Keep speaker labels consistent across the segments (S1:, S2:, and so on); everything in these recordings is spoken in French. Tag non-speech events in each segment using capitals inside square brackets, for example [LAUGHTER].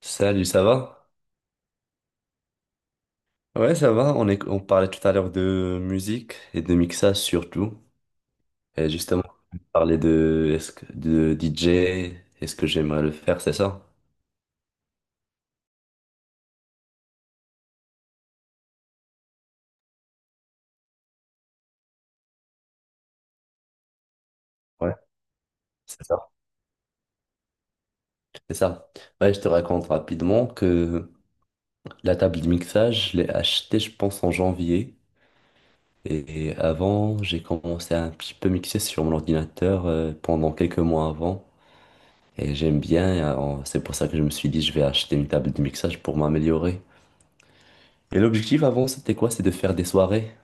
S1: Salut, ça va? Ouais, ça va. On parlait tout à l'heure de musique et de mixage surtout. Et justement, on parlait de, de DJ, est-ce que j'aimerais le faire, c'est ça? Ouais, c'est ça. C'est ça. Ouais, je te raconte rapidement que la table de mixage, je l'ai achetée, je pense, en janvier. Et avant, j'ai commencé à un petit peu mixer sur mon ordinateur pendant quelques mois avant. Et j'aime bien, et, c'est pour ça que je me suis dit, je vais acheter une table de mixage pour m'améliorer. Et l'objectif avant, c'était quoi? C'est de faire des soirées,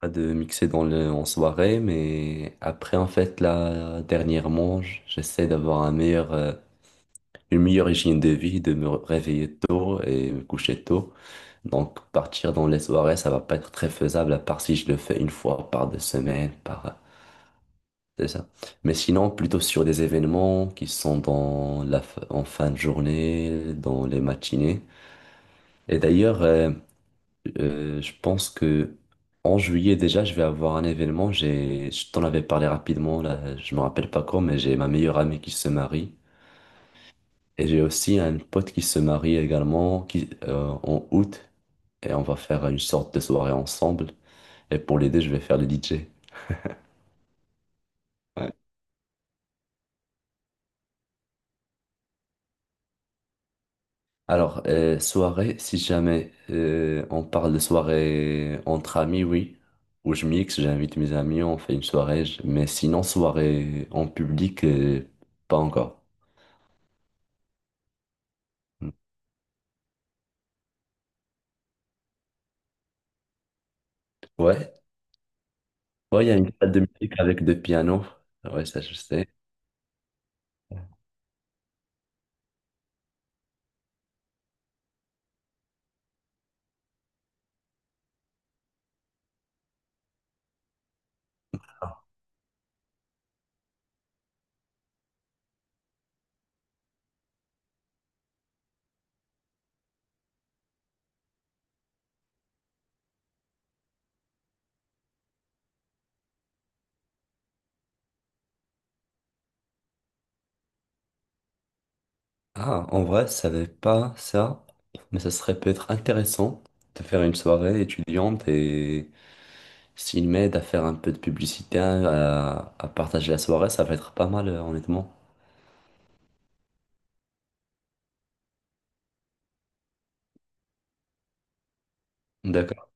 S1: pas de mixer dans le, en soirée, mais après, en fait, là, dernièrement, j'essaie d'avoir un meilleur, une meilleure hygiène de vie, de me réveiller tôt et me coucher tôt. Donc, partir dans les soirées, ça va pas être très faisable, à part si je le fais une fois par 2 semaines, par, c'est ça. Mais sinon, plutôt sur des événements qui sont dans la, en fin de journée, dans les matinées. Et d'ailleurs, je pense que en juillet déjà, je vais avoir un événement. J'ai, je t'en avais parlé rapidement, là, je me rappelle pas quand, mais j'ai ma meilleure amie qui se marie. Et j'ai aussi un pote qui se marie également qui, en août. Et on va faire une sorte de soirée ensemble. Et pour les deux, je vais faire le DJ. Ouais. Alors, soirée, si jamais on parle de soirée entre amis, oui. Où je mixe, j'invite mes amis, on fait une soirée. Mais sinon, soirée en public, pas encore. Ouais, ouais, il y a une salle de musique avec 2 pianos. Ouais, ça je sais. Ah, en vrai, je savais pas ça, mais ça serait peut-être intéressant de faire une soirée étudiante et s'il m'aide à faire un peu de publicité, à partager la soirée, ça va être pas mal, honnêtement. D'accord.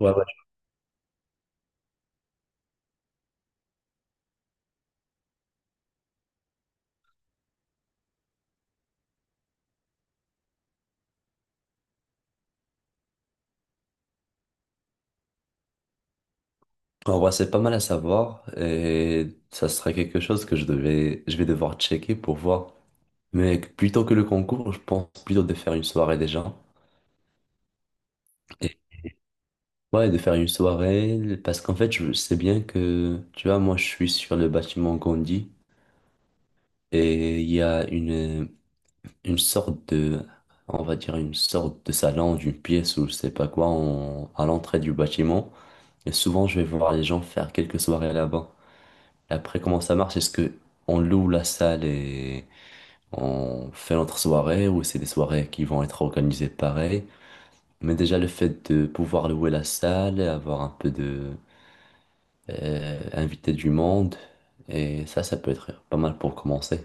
S1: Ouais, ouais. En vrai, c'est pas mal à savoir et ça serait quelque chose que je devais, je vais devoir checker pour voir. Mais plutôt que le concours, je pense plutôt de faire une soirée déjà. Ouais, de faire une soirée, parce qu'en fait, je sais bien que, tu vois, moi, je suis sur le bâtiment Gandhi, et il y a une sorte de, on va dire, une sorte de salon, d'une pièce ou je sais pas quoi, à l'entrée du bâtiment, et souvent, je vais voir les gens faire quelques soirées là-bas. Et après, comment ça marche? Est-ce que on loue la salle et on fait notre soirée, ou c'est des soirées qui vont être organisées pareil? Mais déjà, le fait de pouvoir louer la salle, avoir un peu de inviter du monde. Et ça peut être pas mal pour commencer.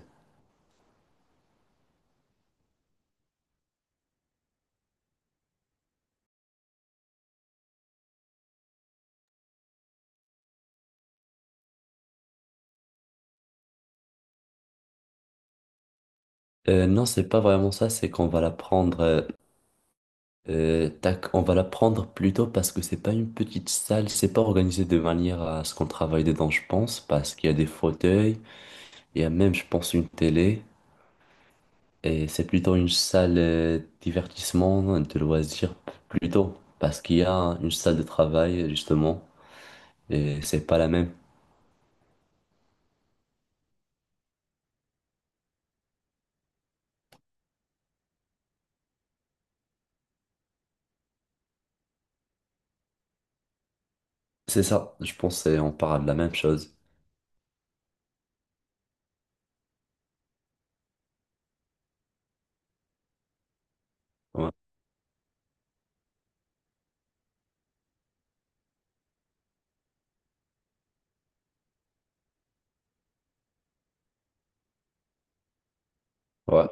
S1: Non, c'est pas vraiment ça, c'est qu'on va la prendre, tac, on va la prendre plutôt parce que c'est pas une petite salle, c'est pas organisé de manière à ce qu'on travaille dedans, je pense, parce qu'il y a des fauteuils, il y a même, je pense, une télé, et c'est plutôt une salle divertissement, de loisirs plutôt, parce qu'il y a une salle de travail, justement, et c'est pas la même. C'est ça, je pense, on parle de la même chose. Ouais. Ouais.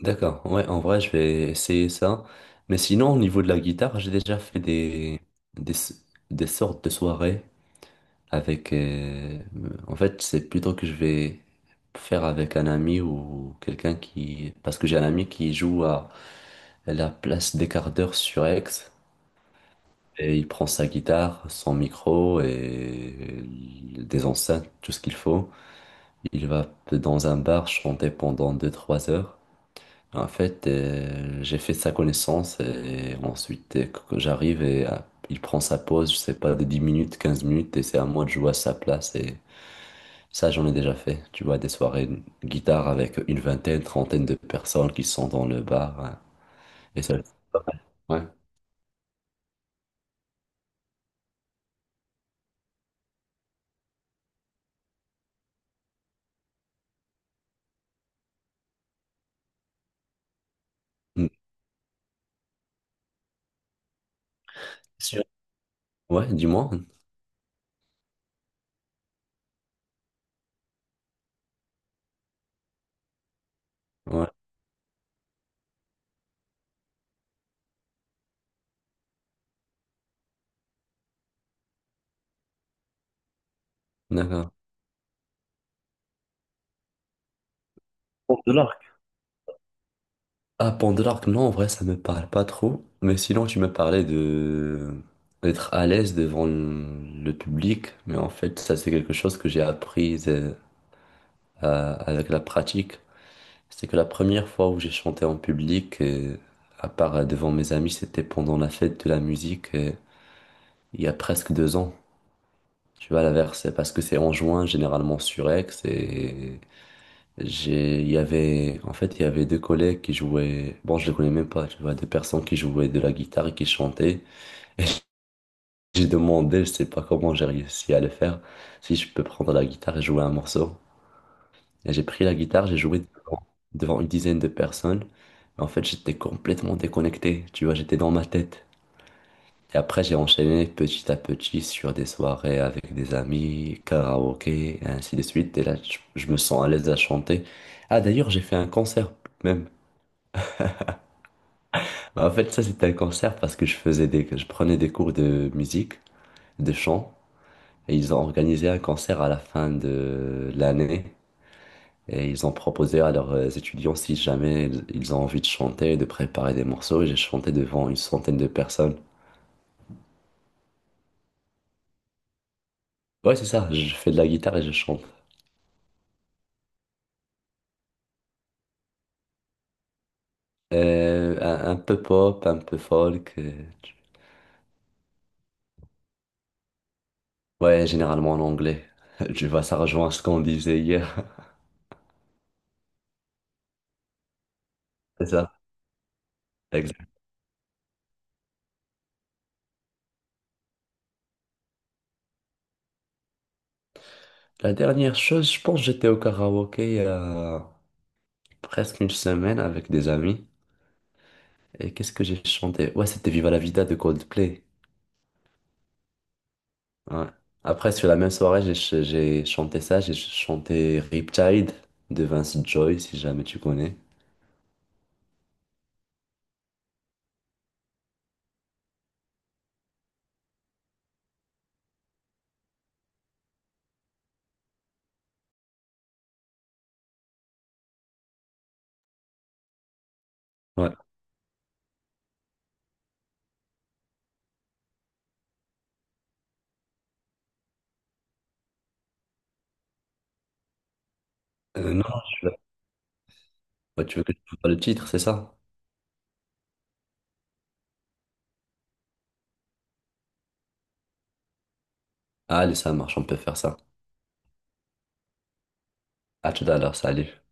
S1: D'accord, ouais, en vrai, je vais essayer ça. Mais sinon, au niveau de la guitare, j'ai déjà fait des, des sortes de soirées avec... en fait, c'est plutôt que je vais faire avec un ami ou quelqu'un qui... Parce que j'ai un ami qui joue à la place des quarts d'heure sur Aix, et il prend sa guitare, son micro et des enceintes, tout ce qu'il faut. Il va dans un bar chanter pendant 2 3 heures. En fait, j'ai fait sa connaissance et ensuite, que j'arrive et il prend sa pause, je sais pas, de 10 minutes, 15 minutes et c'est à moi de jouer à sa place. Et ça, j'en ai déjà fait. Tu vois, des soirées de guitare avec une vingtaine, trentaine de personnes qui sont dans le bar. Hein. Et ça, ouais. Mm. Sûr. Ouais, dis-moi. Ouais, d'accord. Pour de l'argent. Ah, Pandore, non, en vrai, ça me parle pas trop. Mais sinon, tu me parlais de d'être à l'aise devant le public. Mais en fait, ça, c'est quelque chose que j'ai appris avec la pratique. C'est que la première fois où j'ai chanté en public, à part devant mes amis, c'était pendant la fête de la musique, il y a presque 2 ans. Tu vois, la verse, parce que c'est en juin, généralement sur Aix, et j'ai, il y avait, en fait, il y avait 2 collègues qui jouaient, bon, je les connais même pas, tu vois, 2 personnes qui jouaient de la guitare et qui chantaient. J'ai demandé, je sais pas comment j'ai réussi à le faire, si je peux prendre la guitare et jouer un morceau. Et j'ai pris la guitare, j'ai joué devant, devant une dizaine de personnes. Mais en fait, j'étais complètement déconnecté, tu vois, j'étais dans ma tête. Et après, j'ai enchaîné petit à petit sur des soirées avec des amis, karaoké, et ainsi de suite. Et là, je me sens à l'aise à chanter. Ah, d'ailleurs, j'ai fait un concert même. Bah, en fait, ça, c'était un concert parce que je faisais des, je prenais des cours de musique, de chant, et ils ont organisé un concert à la fin de l'année. Et ils ont proposé à leurs étudiants si jamais ils ont envie de chanter, de préparer des morceaux. Et j'ai chanté devant une centaine de personnes. Ouais, c'est ça, je fais de la guitare et je chante. Un peu pop, un peu folk. Tu- ouais, généralement en anglais. [LAUGHS] Tu vois, ça rejoint ce qu'on disait hier. [LAUGHS] C'est ça. Exact. La dernière chose, je pense que j'étais au karaoké. Presque une semaine avec des amis. Et qu'est-ce que j'ai chanté? Ouais, c'était Viva la Vida de Coldplay. Ouais. Après, sur la même soirée, j'ai chanté ça. J'ai chanté Riptide de Vince Joy, si jamais tu connais. Ouais. Non, je suis là. Ouais, tu veux que je te fasse le titre, c'est ça? Allez, ça marche, on peut faire ça. À tout à l'heure, salut.